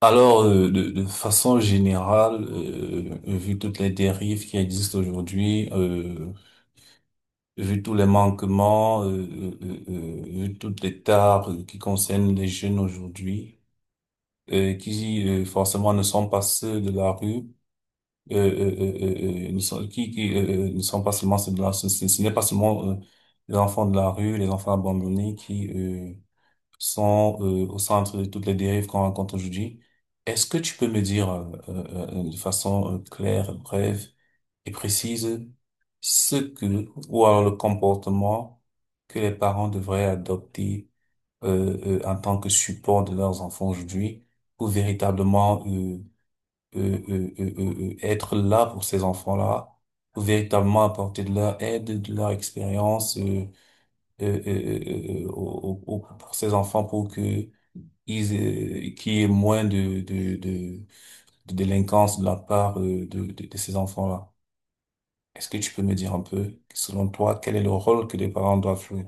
Alors, de façon générale, vu toutes les dérives qui existent aujourd'hui, vu tous les manquements, vu toutes les tares qui concernent les jeunes aujourd'hui, qui forcément ne sont pas ceux de la rue, ne sont, qui ne sont pas seulement ceux de la rue, ce n'est pas seulement les enfants de la rue, les enfants abandonnés qui sont au centre de toutes les dérives qu'on rencontre aujourd'hui. Est-ce que tu peux me dire de façon claire, brève et précise ce que, ou alors le comportement que les parents devraient adopter en tant que support de leurs enfants aujourd'hui pour véritablement être là pour ces enfants-là, pour véritablement apporter de leur aide, de leur expérience pour ces enfants pour que qu'ils, qu'il y ait moins de délinquance de la part de ces enfants-là. Est-ce que tu peux me dire un peu, selon toi, quel est le rôle que les parents doivent jouer?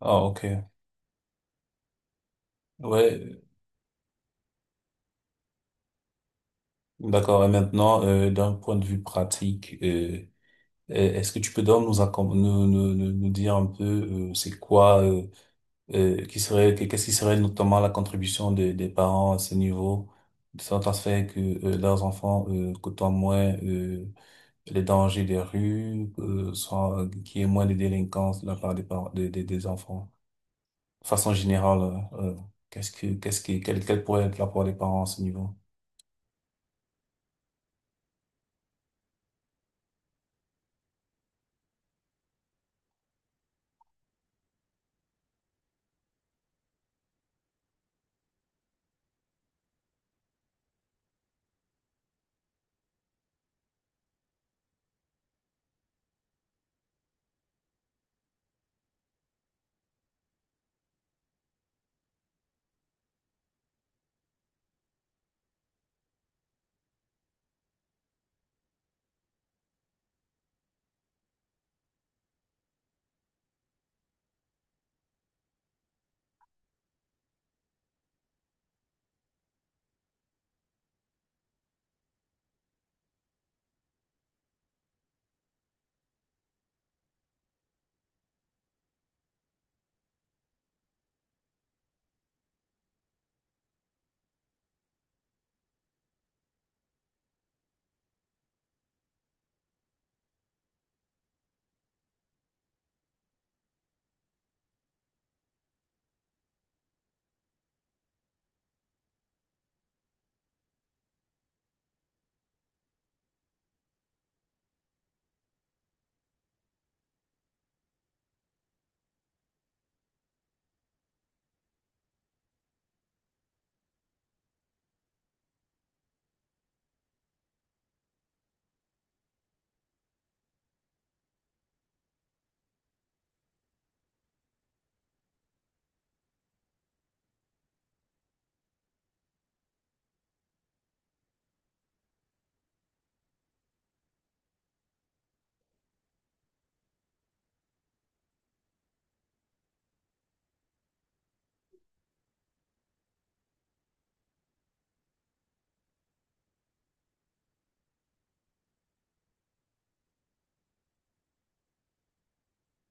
Ah, ok. Ouais, d'accord. Et maintenant, d'un point de vue pratique, est-ce que tu peux donc nous, accom- nous, nous, nous nous dire un peu c'est quoi, qu'est-ce qui serait notamment la contribution des parents à ce niveau, de sorte à ce faire que leurs enfants côtoient moins les dangers des rues, soit qu'il y ait moins de délinquance de la part des parents, des enfants. De façon générale, euh, euh, qu'est-ce que, quel pourrait être l'apport des parents à ce niveau?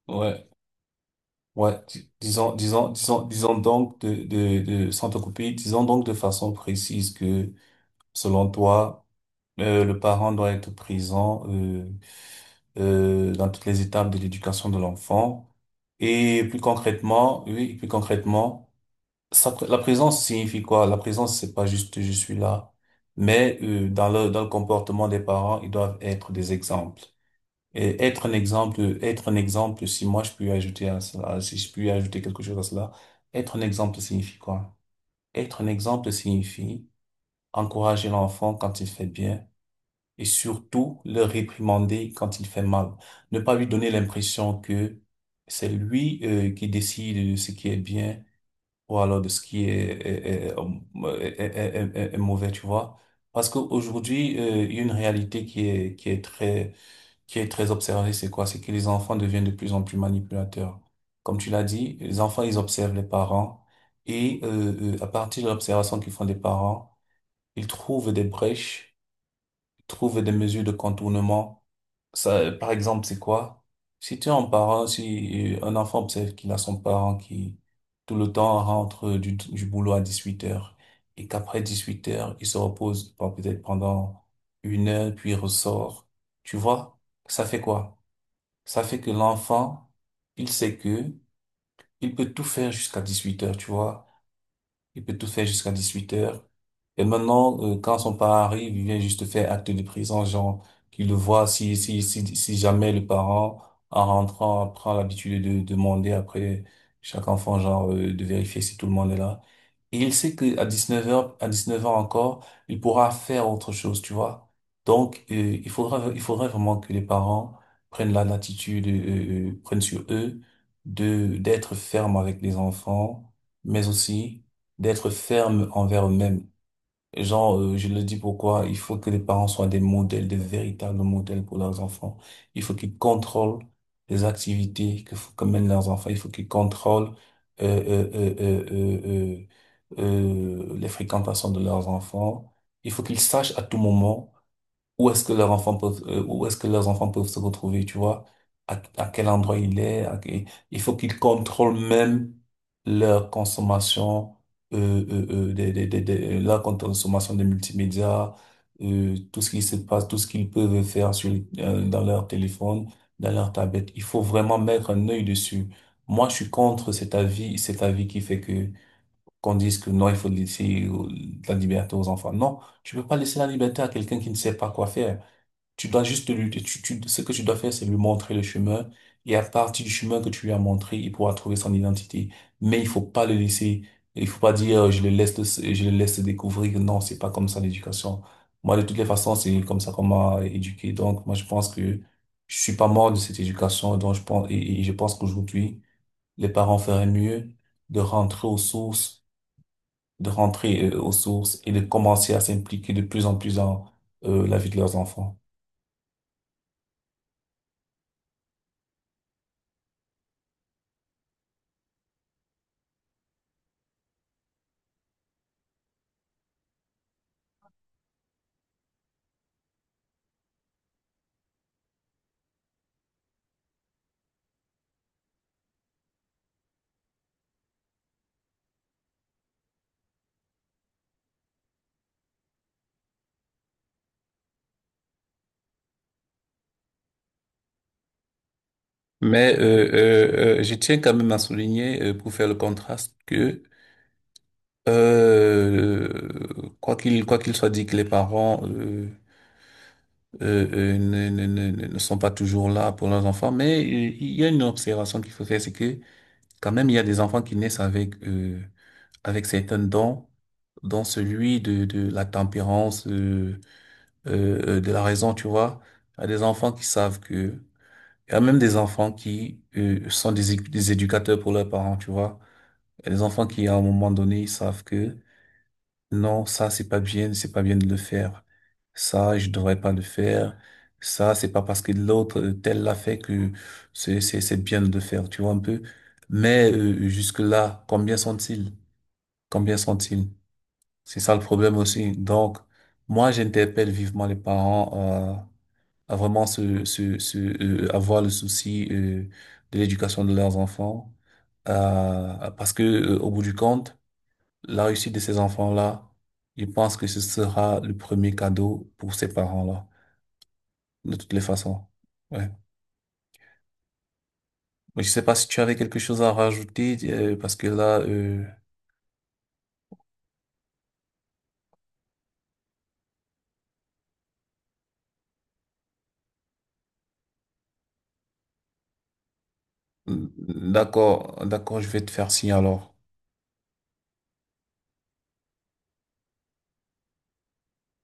Ouais. Disons donc sans te couper, disons donc de façon précise que, selon toi, le parent doit être présent dans toutes les étapes de l'éducation de l'enfant. Et plus concrètement, oui, plus concrètement, ça, la présence signifie quoi? La présence, c'est pas juste je suis là, mais dans le comportement des parents, ils doivent être des exemples. Et être un exemple, si moi je peux ajouter à cela, si je peux ajouter quelque chose à cela, être un exemple signifie quoi? Être un exemple signifie encourager l'enfant quand il fait bien et surtout le réprimander quand il fait mal. Ne pas lui donner l'impression que c'est lui qui décide de ce qui est bien ou alors de ce qui est mauvais, tu vois. Parce qu'aujourd'hui, il y a une réalité qui est très observée, c'est quoi? C'est que les enfants deviennent de plus en plus manipulateurs. Comme tu l'as dit, les enfants, ils observent les parents et à partir de l'observation qu'ils font des parents, ils trouvent des brèches trouver des mesures de contournement. Ça, par exemple, c'est quoi? Si tu as un parent, si un enfant observe qu'il a son parent qui tout le temps rentre du boulot à 18h et qu'après 18h, il se repose bon, peut-être pendant 1 heure, puis il ressort. Tu vois, ça fait quoi? Ça fait que l'enfant, il sait que il peut tout faire jusqu'à 18h, tu vois. Il peut tout faire jusqu'à 18h. Et maintenant, quand son parent arrive, il vient juste faire acte de présence, genre, qu'il le voit si, si jamais le parent, en rentrant, prend l'habitude de demander après chaque enfant, genre, de vérifier si tout le monde est là. Et il sait que à 19h heures, à 19h heures encore, il pourra faire autre chose, tu vois. Donc, il faudra, il faudrait vraiment que les parents prennent la latitude, prennent sur eux de, d'être ferme avec les enfants, mais aussi d'être ferme envers eux-mêmes. Genre, je le dis pourquoi, il faut que les parents soient des modèles, des véritables modèles pour leurs enfants. Il faut qu'ils contrôlent les activités que mènent leurs enfants. Il faut qu'ils contrôlent euh, euh, euh, euh, les fréquentations de leurs enfants. Il faut qu'ils sachent à tout moment où est-ce que leurs enfants peuvent, où est-ce que leurs enfants peuvent se retrouver, tu vois, à quel endroit il est, à quel- il faut qu'ils contrôlent même leur consommation, leur consommation des multimédias, tout ce qui se passe, tout ce qu'ils peuvent faire sur, dans leur téléphone, dans leur tablette. Il faut vraiment mettre un œil dessus. Moi, je suis contre cet avis qui fait que qu'on dise que non, il faut laisser la liberté aux enfants. Non, tu peux pas laisser la liberté à quelqu'un qui ne sait pas quoi faire. Tu dois juste ce que tu dois faire, c'est lui montrer le chemin. Et à partir du chemin que tu lui as montré, il pourra trouver son identité. Mais il faut pas le laisser, il faut pas dire, je le laisse, le- je le laisse découvrir. Non, c'est pas comme ça l'éducation. Moi, de toutes les façons, c'est comme ça qu'on m'a éduqué. Donc, moi, je pense que je suis pas mort de cette éducation. Donc, je pense, et je pense qu'aujourd'hui, les parents feraient mieux de rentrer aux sources de rentrer aux sources et de commencer à s'impliquer de plus en plus dans la vie de leurs enfants. Mais je tiens quand même à souligner, pour faire le contraste, que euh, quoi qu'il soit dit que les parents ne sont pas toujours là pour leurs enfants. Mais il y a une observation qu'il faut faire, c'est que quand même, il y a des enfants qui naissent avec, avec certains dons, dont celui de la tempérance, de la raison, tu vois. Il y a des enfants qui savent que... Il y a même des enfants qui sont des éducateurs pour leurs parents, tu vois. Il y a des enfants qui, à un moment donné, ils savent que non, ça c'est pas bien de le faire. Ça, je devrais pas le faire. Ça, c'est pas parce que l'autre tel l'a fait que c'est bien de le faire, tu vois un peu. Mais jusque-là, combien sont-ils? Combien sont-ils? C'est ça le problème aussi. Donc, moi, j'interpelle vivement les parents à vraiment se se se avoir le souci de l'éducation de leurs enfants, parce que au bout du compte. La réussite de ces enfants-là, je pense que ce sera le premier cadeau pour ces parents-là, de toutes les façons. Ouais. Mais je sais pas si tu avais quelque chose à rajouter, parce que là, d'accord, d'accord, je vais te faire signe alors.